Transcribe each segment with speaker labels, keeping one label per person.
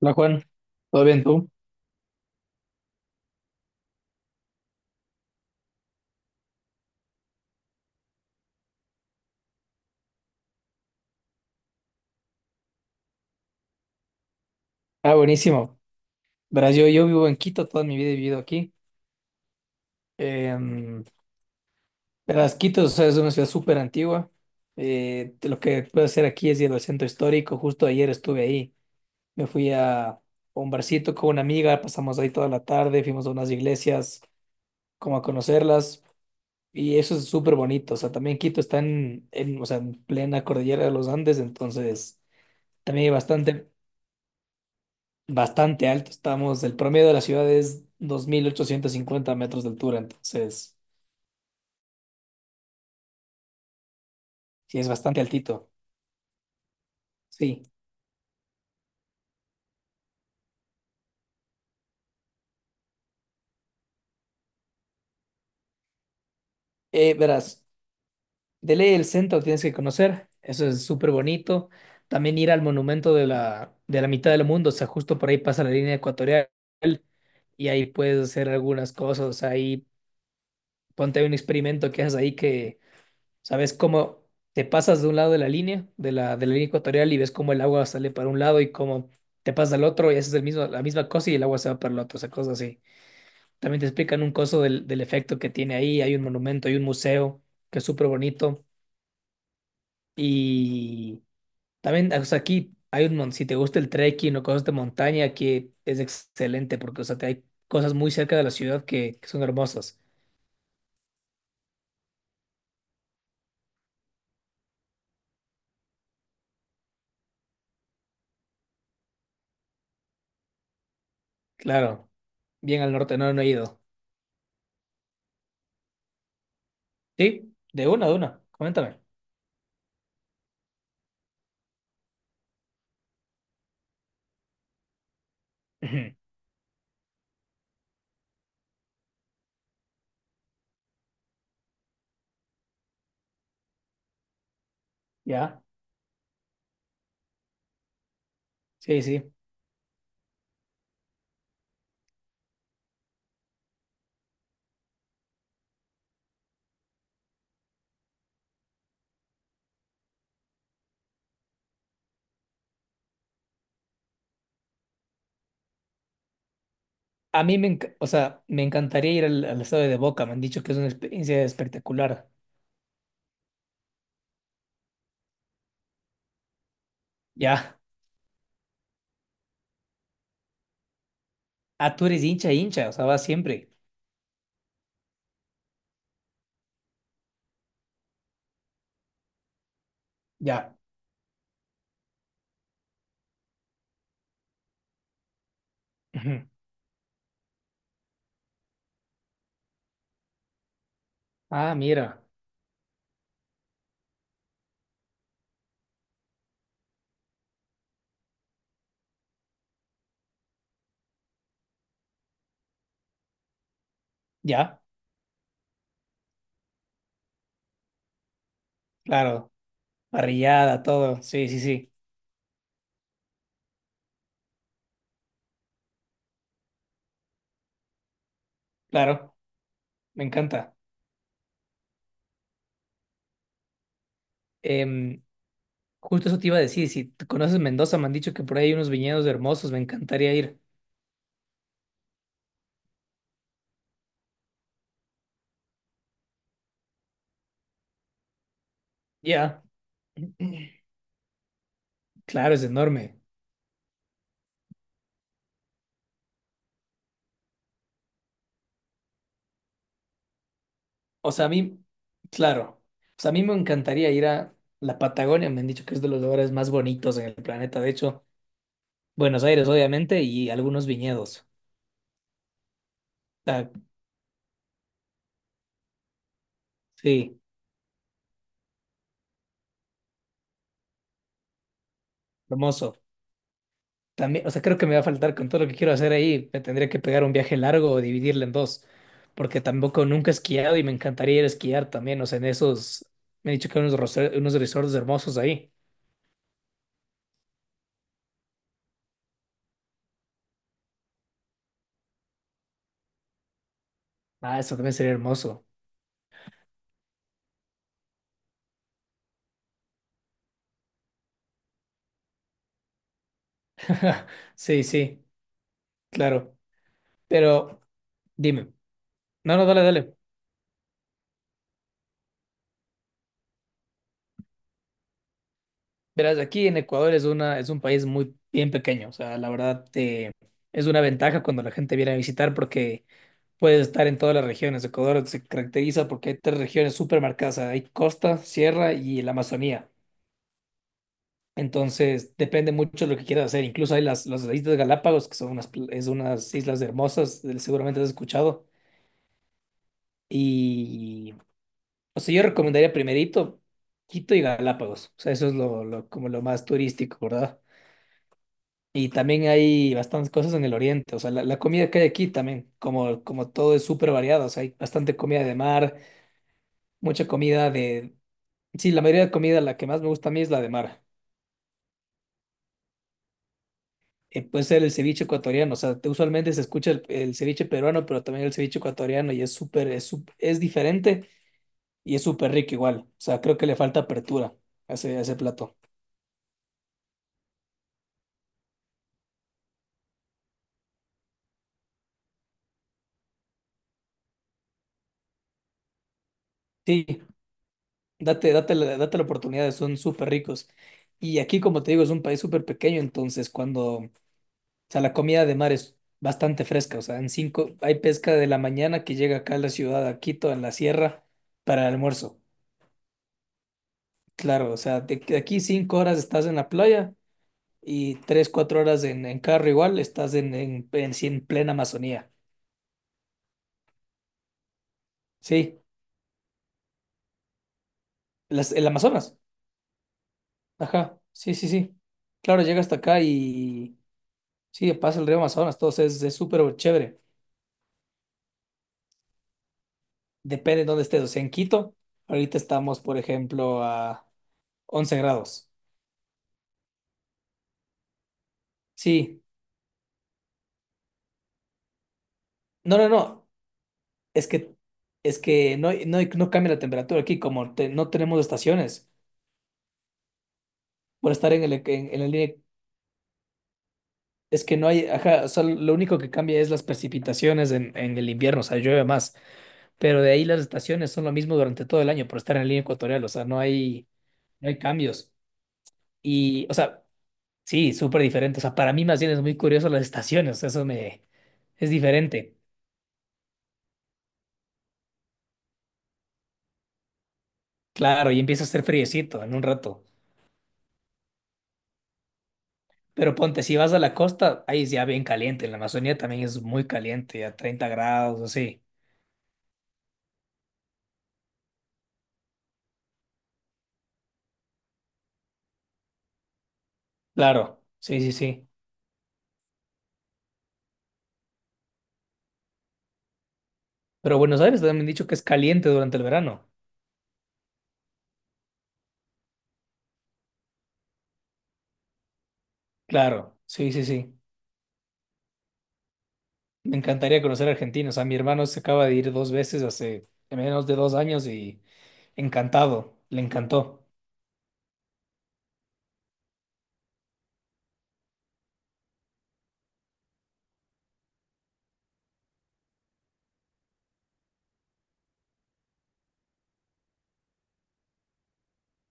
Speaker 1: Hola Juan, ¿todo bien tú? Ah, buenísimo. Verás, yo vivo en Quito, toda mi vida he vivido aquí. Em, verás, Quito, o sea, es una ciudad súper antigua. Lo que puedo hacer aquí es ir al centro histórico. Justo ayer estuve ahí. Me fui a un barcito con una amiga, pasamos ahí toda la tarde, fuimos a unas iglesias, como a conocerlas. Y eso es súper bonito. O sea, también Quito está o sea, en plena cordillera de los Andes, entonces también hay bastante alto. Estamos, el promedio de la ciudad es 2.850 metros de altura, entonces sí es bastante altito. Sí. Verás, de ley el centro tienes que conocer, eso es súper bonito. También ir al monumento de la mitad del mundo, o sea, justo por ahí pasa la línea ecuatorial y ahí puedes hacer algunas cosas, ahí ponte hay un experimento que haces ahí que, ¿sabes cómo? Te pasas de un lado de la línea, de la línea ecuatorial y ves cómo el agua sale para un lado y cómo te pasas al otro y haces la misma cosa y el agua se va para el otro, o sea, cosas así. También te explican un coso del efecto que tiene ahí, hay un monumento, hay un museo que es súper bonito y también, o sea, aquí si te gusta el trekking o cosas de montaña, aquí es excelente porque, o sea, te hay cosas muy cerca de la ciudad que son hermosas. Claro, bien al norte, no, no he ido. Sí, de una, coméntame. Ujú. ¿Ya? Sí, sí. A mí o sea, me encantaría ir al estadio de Boca. Me han dicho que es una experiencia espectacular. Ya. Ah, tú eres hincha, hincha. O sea, vas siempre. Ya. Ujú. Ah, mira. Ya. Claro. Parrillada, todo. Sí, sí, sí. Claro. Me encanta. Em, justo eso te iba a decir. Si te conoces Mendoza, me han dicho que por ahí hay unos viñedos hermosos. Me encantaría ir. Ya. Claro, es enorme. O sea, a mí, claro, o sea, a mí me encantaría ir a la Patagonia, me han dicho que es de los lugares más bonitos en el planeta, de hecho, Buenos Aires, obviamente, y algunos viñedos. O sea, sí, hermoso. También, o sea, creo que me va a faltar con todo lo que quiero hacer ahí, me tendría que pegar un viaje largo o dividirlo en dos, porque tampoco nunca he esquiado y me encantaría ir a esquiar también, o sea, en esos, me han dicho que hay unos resorts hermosos ahí. Ah, eso también sería hermoso. Sí, sí, claro, pero dime. No, no, dale, dale. Verás, aquí en Ecuador es un país muy bien pequeño, o sea, la verdad, es una ventaja cuando la gente viene a visitar porque puedes estar en todas las regiones. Ecuador se caracteriza porque hay tres regiones súper marcadas, o sea, hay costa, sierra y la Amazonía. Entonces, depende mucho de lo que quieras hacer. Incluso hay las Islas Galápagos, que son unas, pl- es unas islas hermosas, seguramente has escuchado. Y, o sea, yo recomendaría primerito Quito y Galápagos, o sea, eso es lo, como lo más turístico, ¿verdad? Y también hay bastantes cosas en el oriente, o sea, la comida que hay aquí también, como todo es súper variado, o sea, hay bastante comida de mar, mucha comida de... Sí, la mayoría de comida, la que más me gusta a mí es la de mar. Puede ser el ceviche ecuatoriano, o sea, usualmente se escucha el ceviche peruano, pero también el ceviche ecuatoriano y es diferente y es súper rico igual, o sea, creo que le falta apertura a ese plato. Sí, date la oportunidad, son súper ricos. Y aquí, como te digo, es un país súper pequeño, entonces cuando... O sea, la comida de mar es bastante fresca. O sea, hay pesca de la mañana que llega acá a la ciudad, a Quito, en la sierra, para el almuerzo. Claro, o sea, de aquí 5 horas estás en la playa y 3 o 4 horas en carro igual, estás sí, en plena Amazonía. Sí, el Amazonas. Ajá, sí, sí, sí. Claro, llega hasta acá y sí, pasa el río Amazonas, todo es súper chévere. Depende de dónde estés. O sea, en Quito, ahorita estamos, por ejemplo, a 11 grados. Sí. No, no, no. Es que, es que no, no cambia la temperatura aquí, como no tenemos estaciones por estar en la línea. Es que no hay, ajá, o sea, lo único que cambia es las precipitaciones en el invierno, o sea, llueve más. Pero de ahí las estaciones son lo mismo durante todo el año por estar en la línea ecuatorial, o sea, no hay cambios. Y, o sea, sí, súper diferente. O sea, para mí más bien es muy curioso las estaciones, es diferente. Claro, y empieza a hacer friecito en un rato. Pero ponte, si vas a la costa, ahí es ya bien caliente. En la Amazonía también es muy caliente, a 30 grados, así. Claro, sí, sí, sí. Pero Buenos Aires también me han dicho que es caliente durante el verano. Claro, sí, sí, sí. Me encantaría conocer Argentina. O sea, mi hermano se acaba de ir dos veces hace menos de 2 años y encantado, le encantó.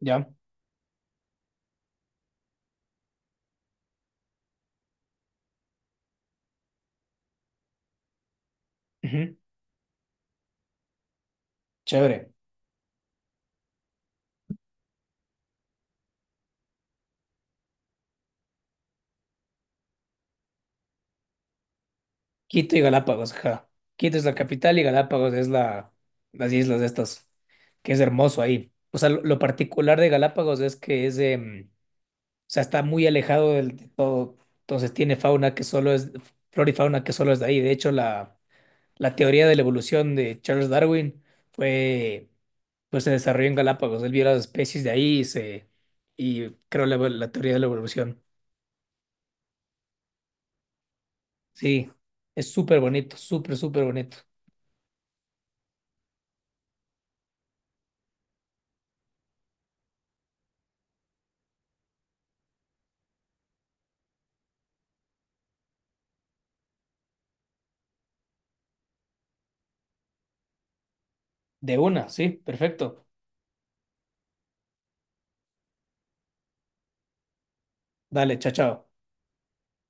Speaker 1: ¿Ya? Ujú. Chévere. Quito y Galápagos, ajá. Quito es la capital y Galápagos es las islas de estas, que es hermoso ahí. O sea, lo particular de Galápagos es que o sea, está muy alejado de todo, entonces tiene fauna que solo es, flora y fauna que solo es de ahí. De hecho, la teoría de la evolución de Charles Darwin fue, pues se desarrolló en Galápagos. Él vio las especies de ahí y creó la teoría de la evolución. Sí, es súper bonito, súper, súper bonito. De una, sí, perfecto. Dale, chao, chao.